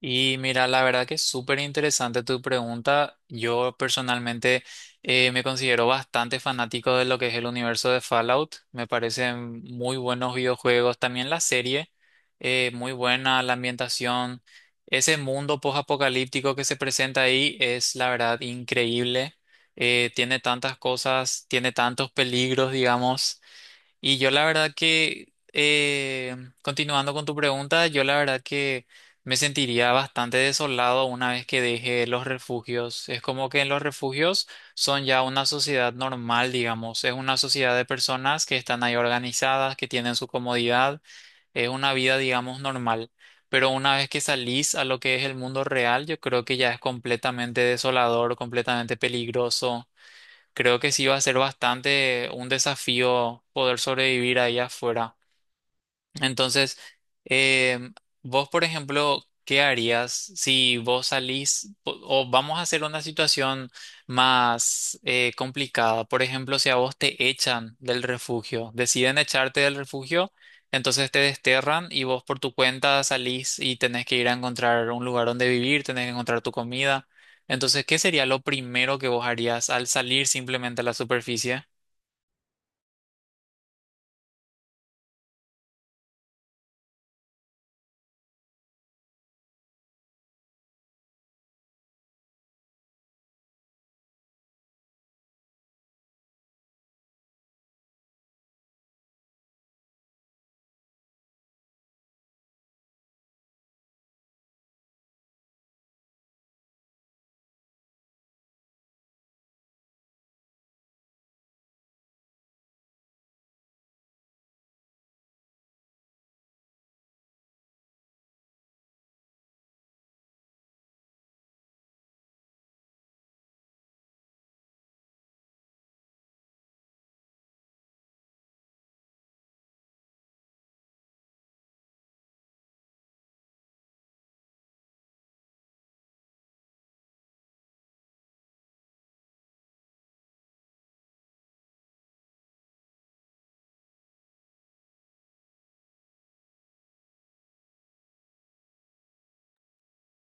Y mira, la verdad que es súper interesante tu pregunta. Yo personalmente me considero bastante fanático de lo que es el universo de Fallout. Me parecen muy buenos videojuegos. También la serie, muy buena la ambientación. Ese mundo post-apocalíptico que se presenta ahí es, la verdad, increíble. Tiene tantas cosas, tiene tantos peligros, digamos. Y yo la verdad que, continuando con tu pregunta, yo la verdad que me sentiría bastante desolado una vez que deje los refugios. Es como que en los refugios son ya una sociedad normal, digamos. Es una sociedad de personas que están ahí organizadas, que tienen su comodidad. Es una vida, digamos, normal. Pero una vez que salís a lo que es el mundo real, yo creo que ya es completamente desolador, completamente peligroso. Creo que sí va a ser bastante un desafío poder sobrevivir ahí afuera. Entonces, em, vos, por ejemplo, ¿qué harías si vos o vamos a hacer una situación más complicada? Por ejemplo, si a vos te echan del refugio, deciden echarte del refugio, entonces te desterran y vos por tu cuenta salís y tenés que ir a encontrar un lugar donde vivir, tenés que encontrar tu comida. Entonces, ¿qué sería lo primero que vos harías al salir simplemente a la superficie?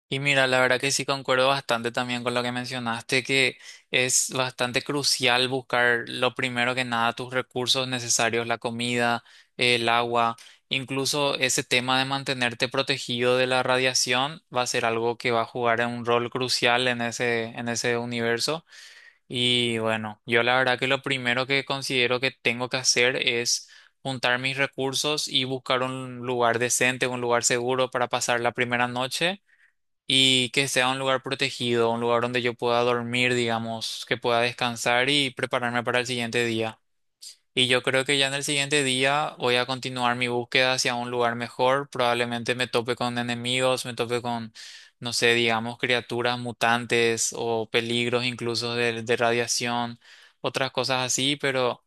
Y mira, la verdad que sí concuerdo bastante también con lo que mencionaste, que es bastante crucial buscar lo primero que nada tus recursos necesarios, la comida, el agua, incluso ese tema de mantenerte protegido de la radiación va a ser algo que va a jugar un rol crucial en ese universo. Y bueno, yo la verdad que lo primero que considero que tengo que hacer es juntar mis recursos y buscar un lugar decente, un lugar seguro para pasar la primera noche y que sea un lugar protegido, un lugar donde yo pueda dormir, digamos, que pueda descansar y prepararme para el siguiente día. Y yo creo que ya en el siguiente día voy a continuar mi búsqueda hacia un lugar mejor. Probablemente me tope con enemigos, me tope con, no sé, digamos, criaturas mutantes o peligros incluso de radiación, otras cosas así, pero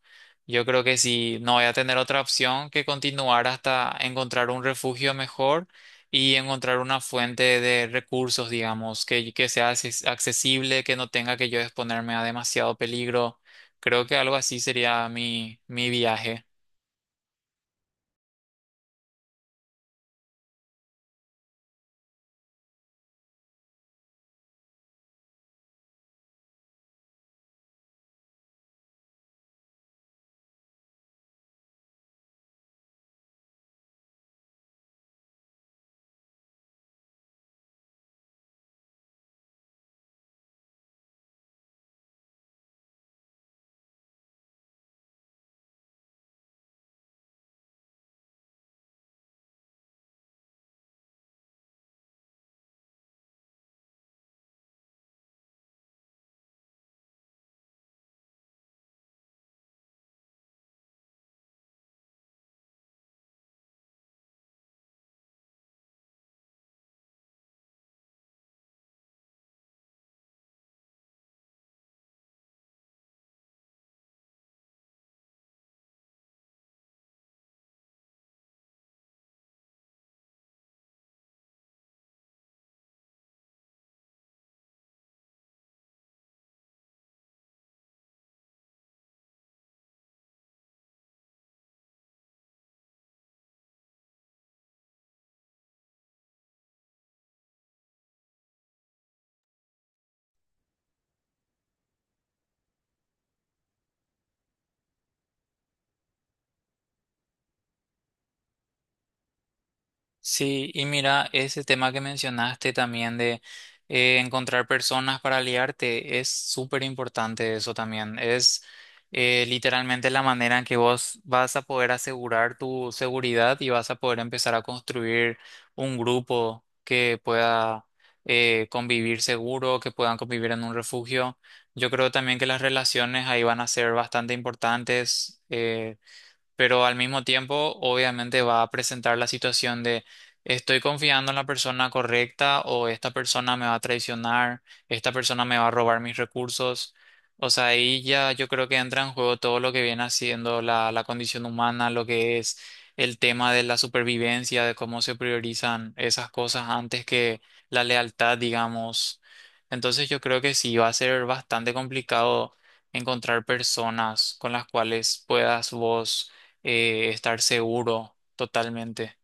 yo creo que sí, no voy a tener otra opción que continuar hasta encontrar un refugio mejor y encontrar una fuente de recursos, digamos, que sea accesible, que no tenga que yo exponerme a demasiado peligro. Creo que algo así sería mi viaje. Sí, y mira, ese tema que mencionaste también de encontrar personas para aliarte es súper importante eso también. Es literalmente la manera en que vos vas a poder asegurar tu seguridad y vas a poder empezar a construir un grupo que pueda convivir seguro, que puedan convivir en un refugio. Yo creo también que las relaciones ahí van a ser bastante importantes. Pero al mismo tiempo obviamente va a presentar la situación de estoy confiando en la persona correcta o esta persona me va a traicionar, esta persona me va a robar mis recursos. O sea, ahí ya yo creo que entra en juego todo lo que viene haciendo la condición humana, lo que es el tema de la supervivencia, de cómo se priorizan esas cosas antes que la lealtad, digamos. Entonces yo creo que sí va a ser bastante complicado encontrar personas con las cuales puedas vos estar seguro totalmente.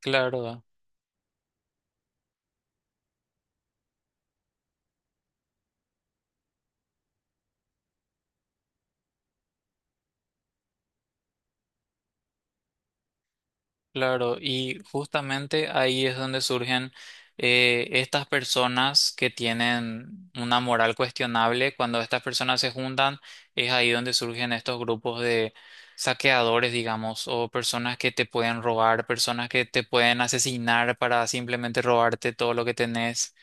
Claro, claro. Y justamente ahí es donde surgen estas personas que tienen una moral cuestionable. Cuando estas personas se juntan, es ahí donde surgen estos grupos de saqueadores, digamos, o personas que te pueden robar, personas que te pueden asesinar para simplemente robarte todo lo que tenés.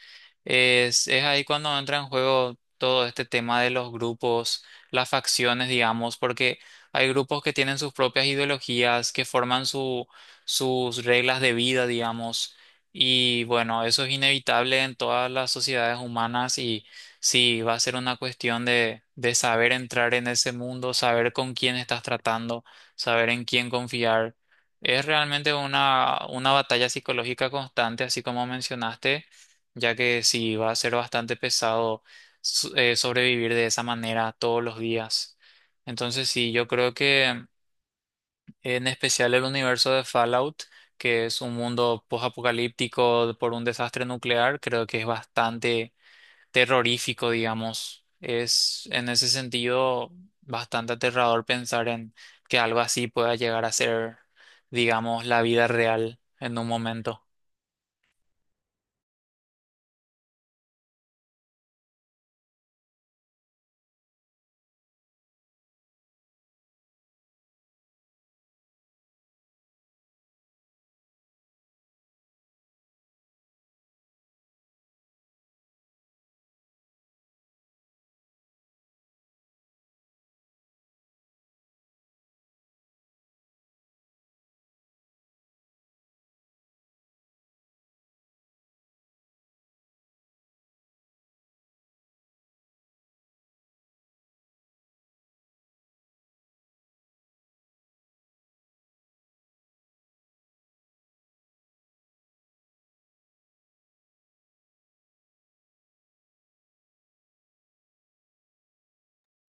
Es ahí cuando entra en juego todo este tema de los grupos, las facciones, digamos, porque hay grupos que tienen sus propias ideologías, que forman sus reglas de vida, digamos, y bueno, eso es inevitable en todas las sociedades humanas y sí, va a ser una cuestión de saber entrar en ese mundo, saber con quién estás tratando, saber en quién confiar. Es realmente una batalla psicológica constante, así como mencionaste ya que sí va a ser bastante pesado sobrevivir de esa manera todos los días. Entonces sí, yo creo que en especial el universo de Fallout, que es un mundo post-apocalíptico por un desastre nuclear, creo que es bastante terrorífico, digamos. Es en ese sentido bastante aterrador pensar en que algo así pueda llegar a ser, digamos, la vida real en un momento.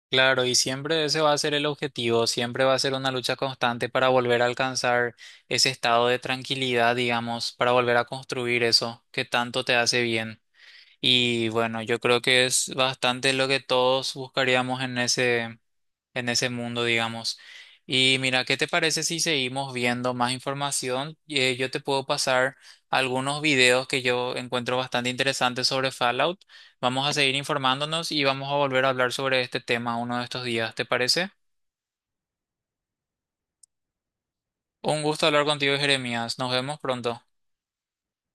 Claro, y siempre ese va a ser el objetivo, siempre va a ser una lucha constante para volver a alcanzar ese estado de tranquilidad, digamos, para volver a construir eso que tanto te hace bien. Y bueno, yo creo que es bastante lo que todos buscaríamos en ese mundo, digamos. Y mira, ¿qué te parece si seguimos viendo más información? Yo te puedo pasar algunos videos que yo encuentro bastante interesantes sobre Fallout. Vamos a seguir informándonos y vamos a volver a hablar sobre este tema uno de estos días, ¿te parece? Un gusto hablar contigo, Jeremías. Nos vemos pronto.